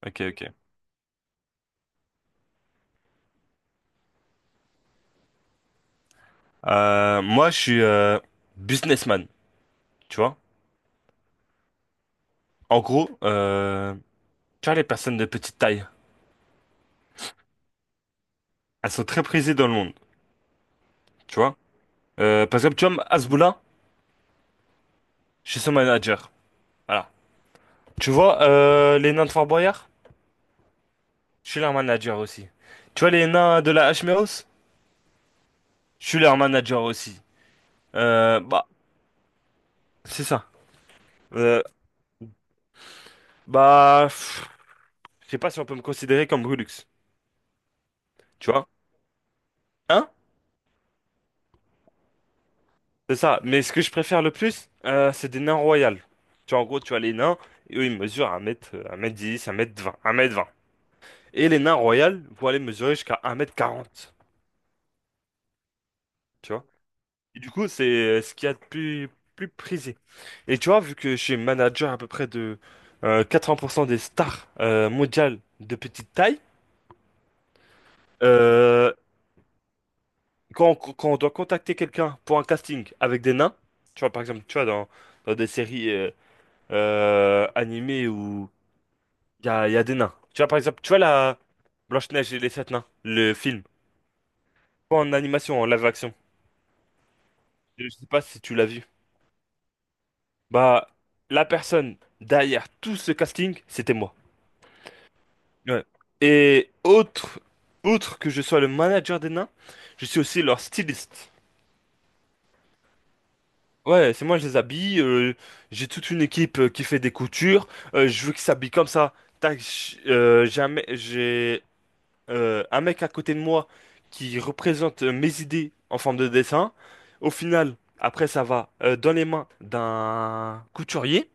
Ok, ok. Moi, je suis businessman, tu vois. En gros, tu vois, les personnes de petite taille, elles sont très prisées dans le monde, tu vois. Par exemple, tu vois, Azboula, je suis son manager. Voilà. Tu vois, les nains de Fort Boyard, je suis leur manager aussi. Tu vois, les nains de la Hmeos, je suis leur manager aussi. Bah, c'est ça. Euh, Bah, je sais pas si on peut me considérer comme Brulux, tu vois. Hein? C'est ça, mais ce que je préfère le plus, c'est des nains royales. Tu vois, en gros, tu as les nains, et eux, ils mesurent un mètre 1m10, 1m20, 1m20. Et les nains royales vont aller mesurer jusqu'à 1m40, tu vois. Et du coup, c'est ce qu'il y a de plus prisé. Et tu vois, vu que je suis manager à peu près de 80% des stars mondiales de petite taille, euh, quand on doit contacter quelqu'un pour un casting avec des nains, tu vois, par exemple, tu vois, dans des séries animées ou il y a des nains. Tu vois, par exemple, tu vois la Blanche-Neige et les sept nains, le film. Pas en animation, en live-action. Je sais pas si tu l'as vu. Bah, la personne derrière tout ce casting, c'était moi. Ouais. Et autre, outre que je sois le manager des nains, je suis aussi leur styliste. Ouais, c'est moi, je les habille. J'ai toute une équipe qui fait des coutures. Je veux qu'ils s'habillent comme ça. Tac, jamais, j'ai un mec à côté de moi qui représente mes idées en forme de dessin. Au final, après, ça va dans les mains d'un couturier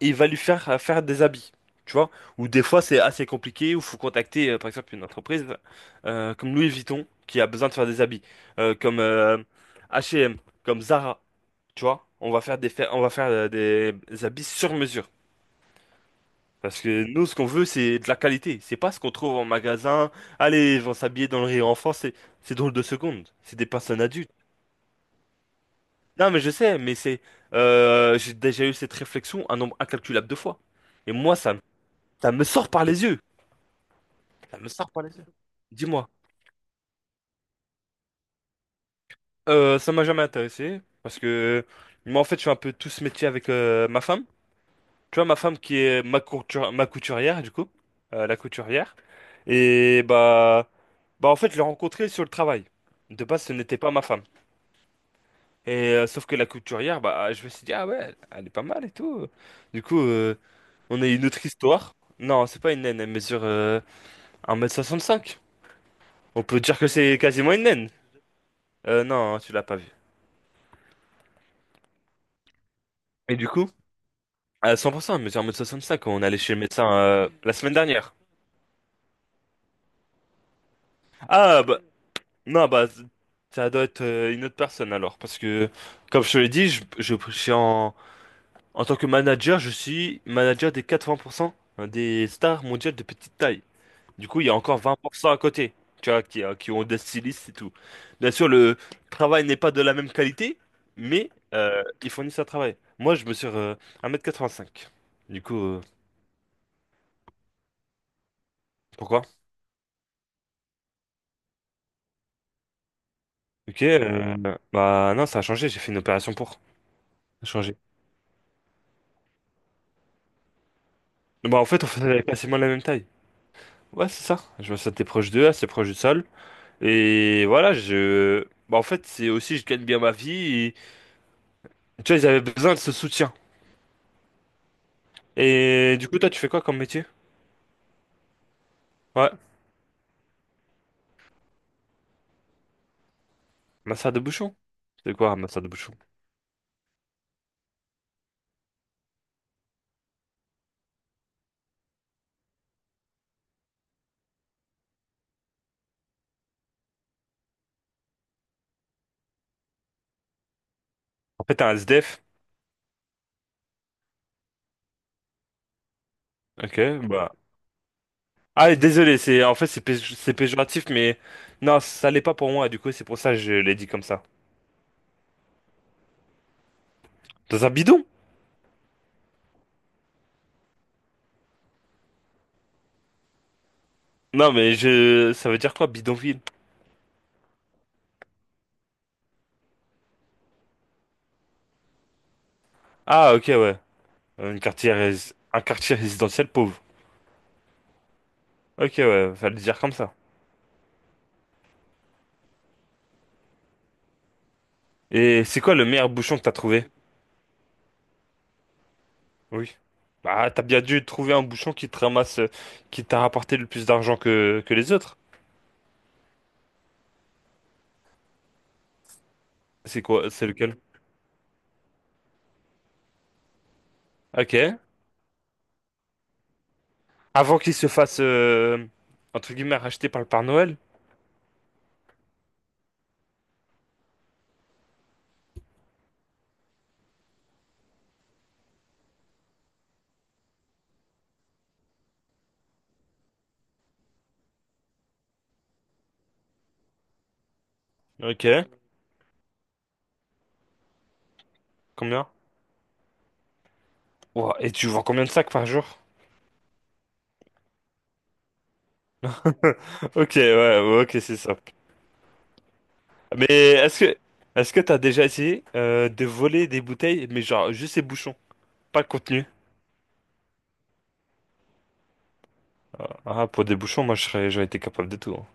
et il va lui faire des habits. Tu vois? Ou des fois, c'est assez compliqué, ou faut contacter, par exemple, une entreprise comme Louis Vuitton qui a besoin de faire des habits, comme H&M, comme Zara. Tu vois? On va faire des habits sur mesure. Parce que nous, ce qu'on veut, c'est de la qualité. C'est pas ce qu'on trouve en magasin. Allez, ils vont s'habiller dans le rire enfant. C'est drôle de seconde. C'est des personnes adultes. Non, mais je sais, mais j'ai déjà eu cette réflexion un nombre incalculable de fois. Et moi, ça me sort par les yeux. Ça me sort par les yeux. Dis-moi, ça m'a jamais intéressé parce que moi, en fait, je fais un peu tout ce métier avec ma femme. Tu vois, ma femme qui est ma couturière, du coup, la couturière. Et bah en fait, je l'ai rencontrée sur le travail. De base, ce n'était pas ma femme. Et sauf que la couturière, bah, je me suis dit, ah ouais, elle est pas mal et tout. Du coup, on a eu une autre histoire. Non, c'est pas une naine, elle mesure 1m65. On peut dire que c'est quasiment une naine. Non, tu l'as pas vue. Et du coup, à 100%, elle mesure 1m65. On est allé chez le médecin la semaine dernière. Ah, bah, non, bah, ça doit être une autre personne alors. Parce que, comme je te l'ai dit, je suis en tant que manager, je suis manager des 80% des stars mondiales de petite taille. Du coup, il y a encore 20% à côté, tu vois, qui ont des stylistes et tout. Bien sûr, le travail n'est pas de la même qualité, mais ils fournissent un travail. Moi, je mesure 1m85. Du coup, pourquoi? Ok, bah non, ça a changé, j'ai fait une opération pour changer. Bah, en fait, on faisait quasiment la même taille. Ouais, c'est ça. Je me sentais proche d'eux, assez proche du sol. Et voilà, je. Bah, en fait, c'est aussi, je gagne bien ma vie. et- Tu vois, ils avaient besoin de ce soutien. Et du coup, toi, tu fais quoi comme métier? Ouais, masseur de bouchon. C'est quoi un masseur de bouchon? En fait, t'es un SDF. Ok, bah. Ah, désolé, c'est en fait, c'est péjoratif, mais non, ça l'est pas pour moi. Du coup, c'est pour ça que je l'ai dit comme ça. Dans un bidon? Non, mais je. Ça veut dire quoi, bidonville? Ah, ok, ouais. Un quartier résidentiel pauvre. Ok, ouais, fallait le dire comme ça. Et c'est quoi le meilleur bouchon que t'as trouvé? Oui. Bah, t'as bien dû trouver un bouchon qui te ramasse, qui t'a rapporté le plus d'argent que les autres. C'est quoi? C'est lequel? Ok. Avant qu'il se fasse, entre guillemets, racheter par le Père Noël? Ok. Combien? Ouah, et tu vends combien de sacs par jour? Ok, ouais, ouais, ok, c'est ça. Mais est-ce que t'as déjà essayé, de voler des bouteilles, mais genre juste les bouchons, pas le contenu? Ah, pour des bouchons, moi, j'aurais été capable de tout, hein.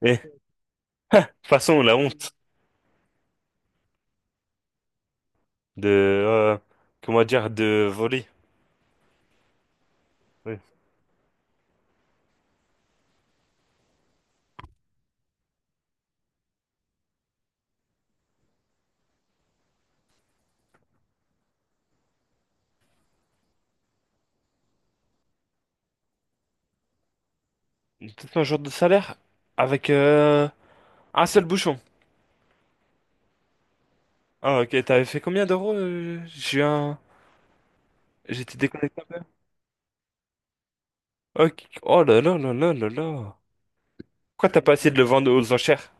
Eh, de toute façon, la honte. De comment dire, de voler. Oui. Tout un jour de salaire avec un seul bouchon. Ah, ok, t'avais fait combien d'euros? J'étais déconnecté un peu. Ok. Oh là là là là là là. Pourquoi t'as pas essayé de le vendre aux enchères?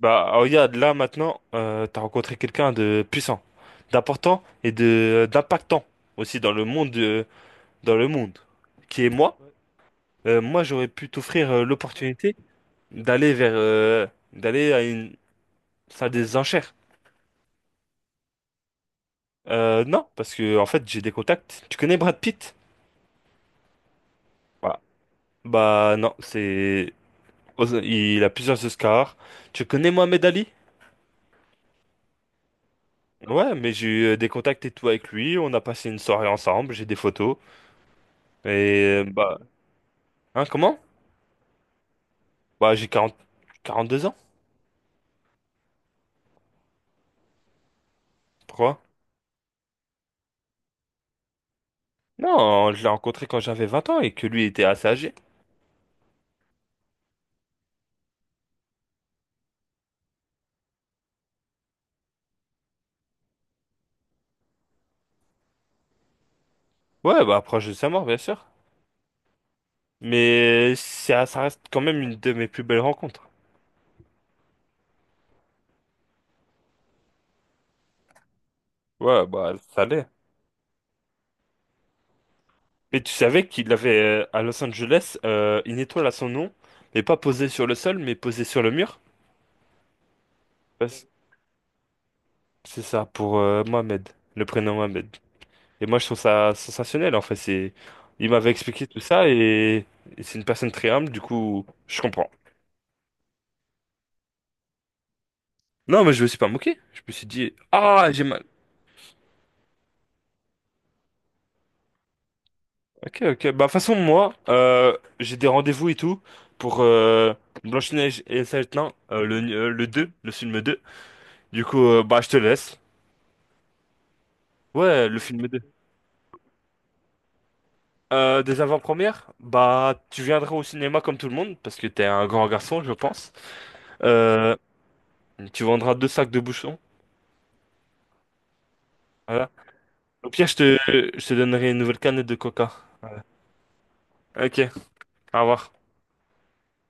Bah, ah, regarde là maintenant, t'as rencontré quelqu'un de puissant, d'important et de d'impactant aussi dans le monde qui est moi. Moi j'aurais pu t'offrir l'opportunité d'aller vers euh, d'aller à une. Ça a des enchères. Non, parce que en fait, j'ai des contacts. Tu connais Brad Pitt? Voilà. Bah non, c'est il a plusieurs Oscars. Tu connais Mohamed Ali? Ouais, mais j'ai eu des contacts et tout avec lui. On a passé une soirée ensemble. J'ai des photos. Et bah, hein, comment? Bah, j'ai 42 ans. Pourquoi? Non, je l'ai rencontré quand j'avais 20 ans et que lui était assez âgé. Ouais, bah proche de sa mort, bien sûr. Mais ça reste quand même une de mes plus belles rencontres. Ouais, bah ça l'est. Mais tu savais qu'il avait à Los Angeles une étoile à son nom, mais pas posée sur le sol, mais posée sur le mur? Parce- C'est ça, pour Mohamed, le prénom Mohamed. Et moi, je trouve ça sensationnel, en fait. Il m'avait expliqué tout ça et c'est une personne très humble, du coup, je comprends. Non, mais je me suis pas moqué. Je me suis dit, ah, j'ai mal. Ok, ok. Bah, de toute façon, moi, j'ai des rendez-vous et tout pour Blanche-Neige et le Seigneur des Anneaux, le film 2. Du coup, bah, je te laisse. Ouais, le film 2. Des avant-premières? Bah, tu viendras au cinéma comme tout le monde, parce que t'es un grand garçon, je pense. Euh, Tu vendras deux sacs de bouchons. Voilà. Au pire, je te donnerai une nouvelle canette de coca. Ok, au revoir.